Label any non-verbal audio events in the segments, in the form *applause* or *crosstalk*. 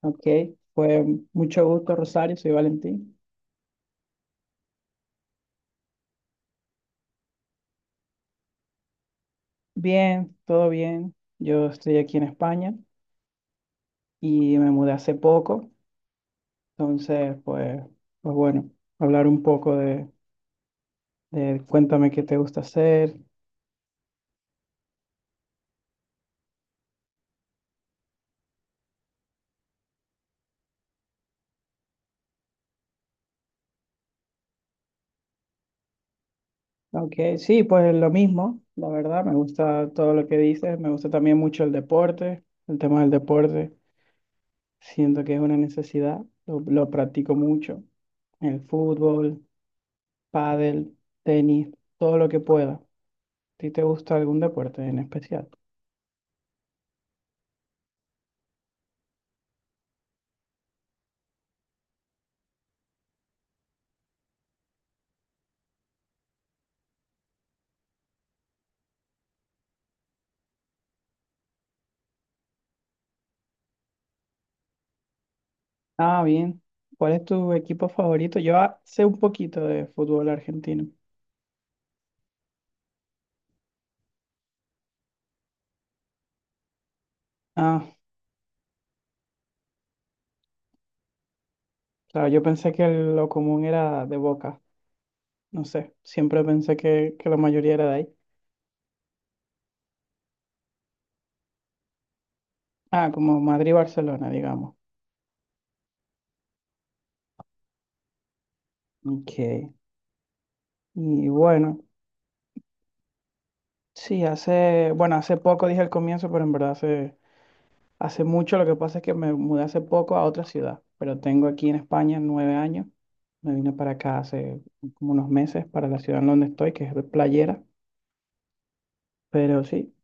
Ok, pues mucho gusto, Rosario, soy Valentín. Bien, todo bien. Yo estoy aquí en España y me mudé hace poco, entonces, pues bueno, hablar un poco de cuéntame qué te gusta hacer. Ok, sí, pues lo mismo, la verdad, me gusta todo lo que dices, me gusta también mucho el deporte, el tema del deporte, siento que es una necesidad, lo practico mucho, el fútbol, pádel, tenis, todo lo que pueda. ¿ti te gusta algún deporte en especial? Ah, bien. ¿Cuál es tu equipo favorito? Yo sé un poquito de fútbol argentino. Ah, claro, yo pensé que lo común era de Boca. No sé, siempre pensé que la mayoría era de ahí. Ah, como Madrid-Barcelona, digamos. Ok. Y bueno, sí, hace poco dije al comienzo, pero en verdad hace mucho, lo que pasa es que me mudé hace poco a otra ciudad, pero tengo aquí en España 9 años. Me vine para acá hace como unos meses para la ciudad en donde estoy, que es de Playera. Pero sí,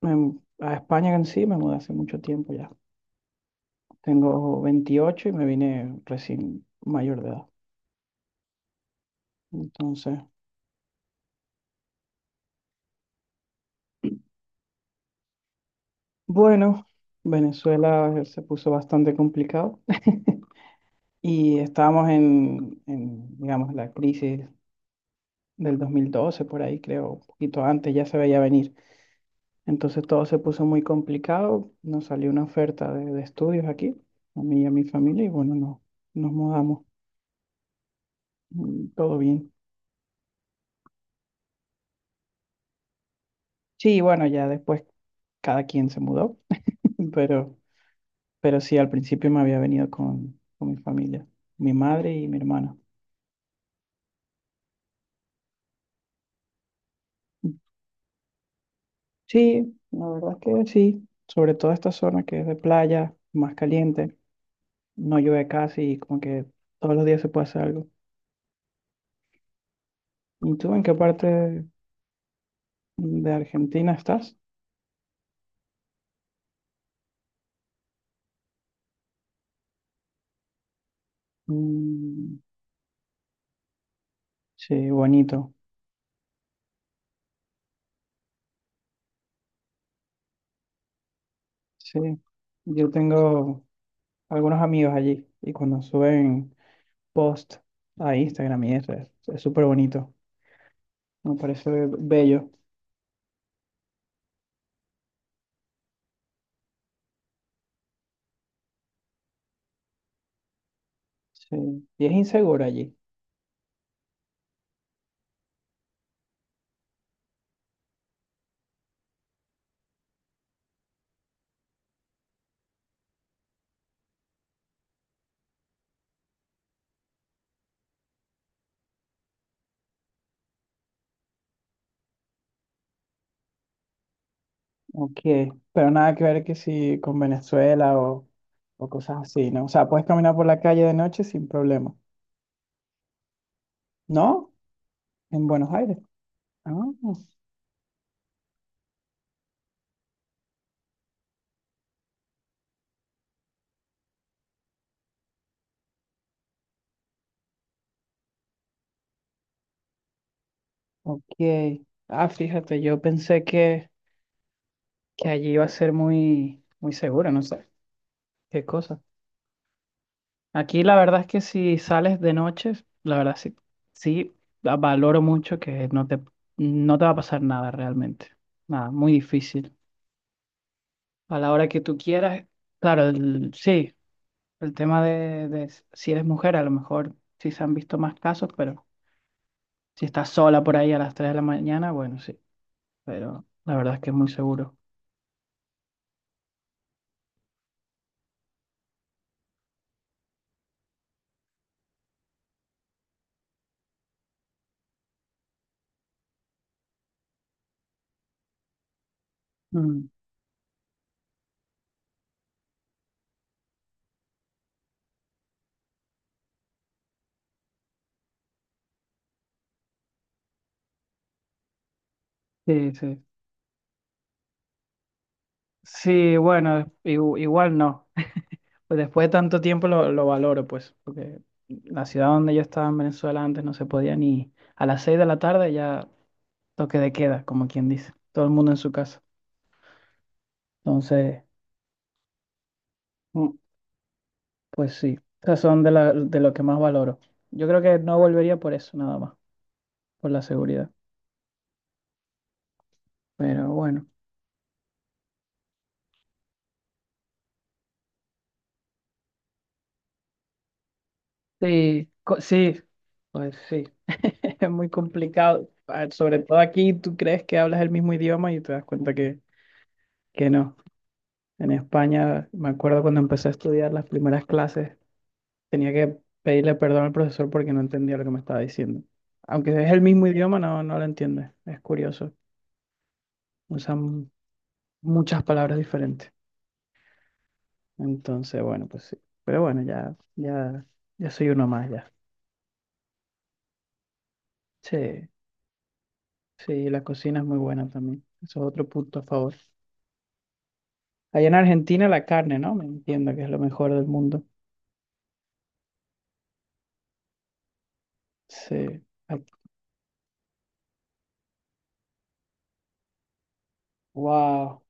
a España en sí me mudé hace mucho tiempo ya. Tengo 28 y me vine recién mayor de edad. Entonces, bueno, Venezuela se puso bastante complicado *laughs* y estábamos en, digamos, la crisis del 2012 por ahí creo, un poquito antes ya se veía venir. Entonces todo se puso muy complicado. Nos salió una oferta de estudios aquí, a mí y a mi familia, y bueno, no, nos mudamos. Mm, todo bien. Sí, bueno, ya después cada quien se mudó, *laughs* pero, pero, sí, al principio me había venido con mi familia, mi madre y mi hermana. Sí, la verdad que sí, sobre todo esta zona que es de playa, más caliente, no llueve casi y como que todos los días se puede hacer algo. ¿Y tú en qué parte de Argentina estás? Mm. Sí, bonito. Sí. Yo tengo algunos amigos allí y cuando suben post a Instagram y eso es súper bonito. Me parece bello. Sí. Y es inseguro allí. Ok. Pero nada que ver que si con Venezuela o cosas así, ¿no? O sea, puedes caminar por la calle de noche sin problema. ¿No? En Buenos Aires. Ah, ok. Ah, fíjate, yo pensé que allí iba a ser muy, muy seguro, no sé. ¿Qué cosa? Aquí la verdad es que si sales de noche, la verdad sí, sí valoro mucho que no te va a pasar nada realmente. Nada, muy difícil. A la hora que tú quieras, claro, sí, el tema si eres mujer, a lo mejor sí se han visto más casos, pero si estás sola por ahí a las 3 de la mañana, bueno, sí, pero la verdad es que es muy seguro. Mm, sí, sí. Sí, bueno, igual no. Pues después de tanto tiempo lo valoro, pues, porque la ciudad donde yo estaba en Venezuela antes no se podía ni a las 6 de la tarde ya toque de queda, como quien dice, todo el mundo en su casa. Entonces, mm, pues sí, esas son de lo que más valoro. Yo creo que no volvería por eso, nada más, por la seguridad. Pero bueno, sí, sí, pues sí, *laughs* es muy complicado. Ah, sobre todo aquí, tú crees que hablas el mismo idioma y te das cuenta que, no. En España, me acuerdo cuando empecé a estudiar las primeras clases, tenía que pedirle perdón al profesor porque no entendía lo que me estaba diciendo. Aunque es el mismo idioma, no lo entiende. Es curioso. Usan muchas palabras diferentes. Entonces, bueno, pues sí. Pero bueno, ya, ya soy uno más ya. Sí, sí, la cocina es muy buena también. Eso es otro punto a favor. Allá en Argentina la carne, ¿no? Me entiendo que es lo mejor del mundo. Sí. Wow.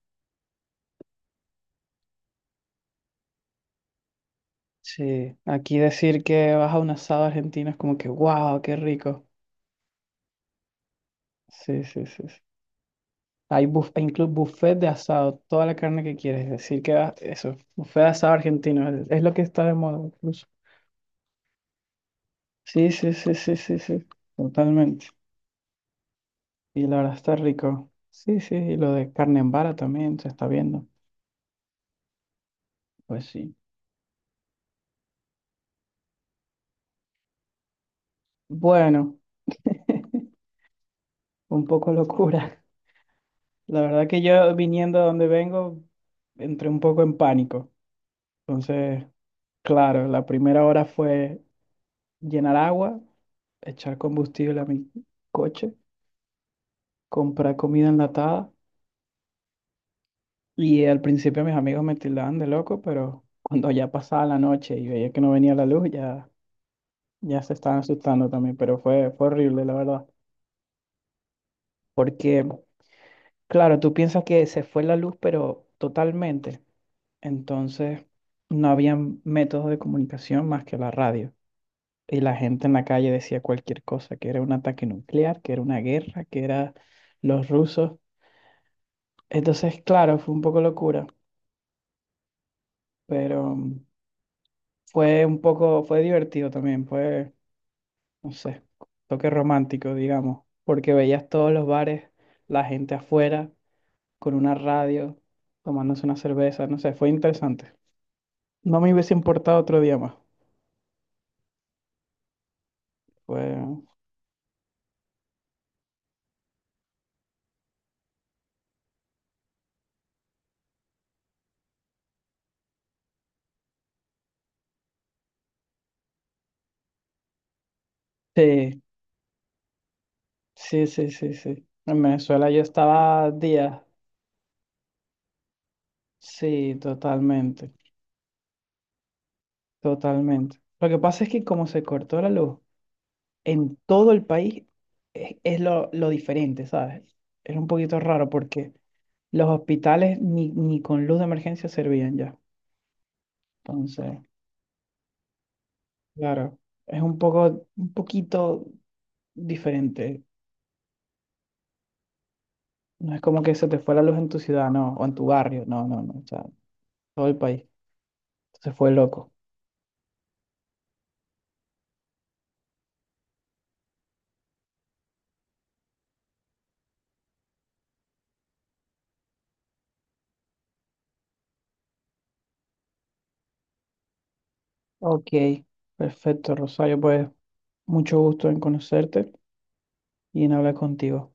Sí, aquí decir que vas a un asado argentino es como que, wow, qué rico. Sí, sí, sí. Sí. Hay incluso buffet de asado, toda la carne que quieres. Decir que vas, eso, buffet de asado argentino, es, lo que está de moda incluso. Sí, sí, sí, sí, sí, sí, totalmente. Y la verdad está rico. Sí, sí, y lo de carne en vara también se está viendo. Pues sí. Bueno, un poco locura. *laughs* La verdad que yo viniendo a donde vengo, entré un poco en pánico. Entonces. Claro, la primera hora fue llenar agua, echar combustible a mi coche, comprar comida enlatada. Y al principio mis amigos me tildaban de loco, pero cuando ya pasaba la noche y veía que no venía la luz, ya se estaban asustando también. Pero fue horrible, la verdad. Porque, claro, tú piensas que se fue la luz, pero totalmente. Entonces, no había métodos de comunicación más que la radio. Y la gente en la calle decía cualquier cosa, que era un ataque nuclear, que era una guerra, que era los rusos. Entonces, claro, fue un poco locura, pero fue un poco, fue divertido también, fue, no sé, toque romántico, digamos, porque veías todos los bares, la gente afuera, con una radio, tomándose una cerveza, no sé, fue interesante. No me hubiese importado otro día más. Fue. Sí, sí, sí, sí, sí. En Venezuela yo estaba días, sí, totalmente. Totalmente. Lo que pasa es que como se cortó la luz en todo el país, es, lo diferente, ¿sabes? Es un poquito raro porque los hospitales ni con luz de emergencia servían ya. Entonces, claro, es un poco, un poquito diferente. No es como que se te fue la luz en tu ciudad, no, o en tu barrio, no, no, no, o sea, todo el país. Se fue loco. Ok, perfecto, Rosario, pues mucho gusto en conocerte y en hablar contigo.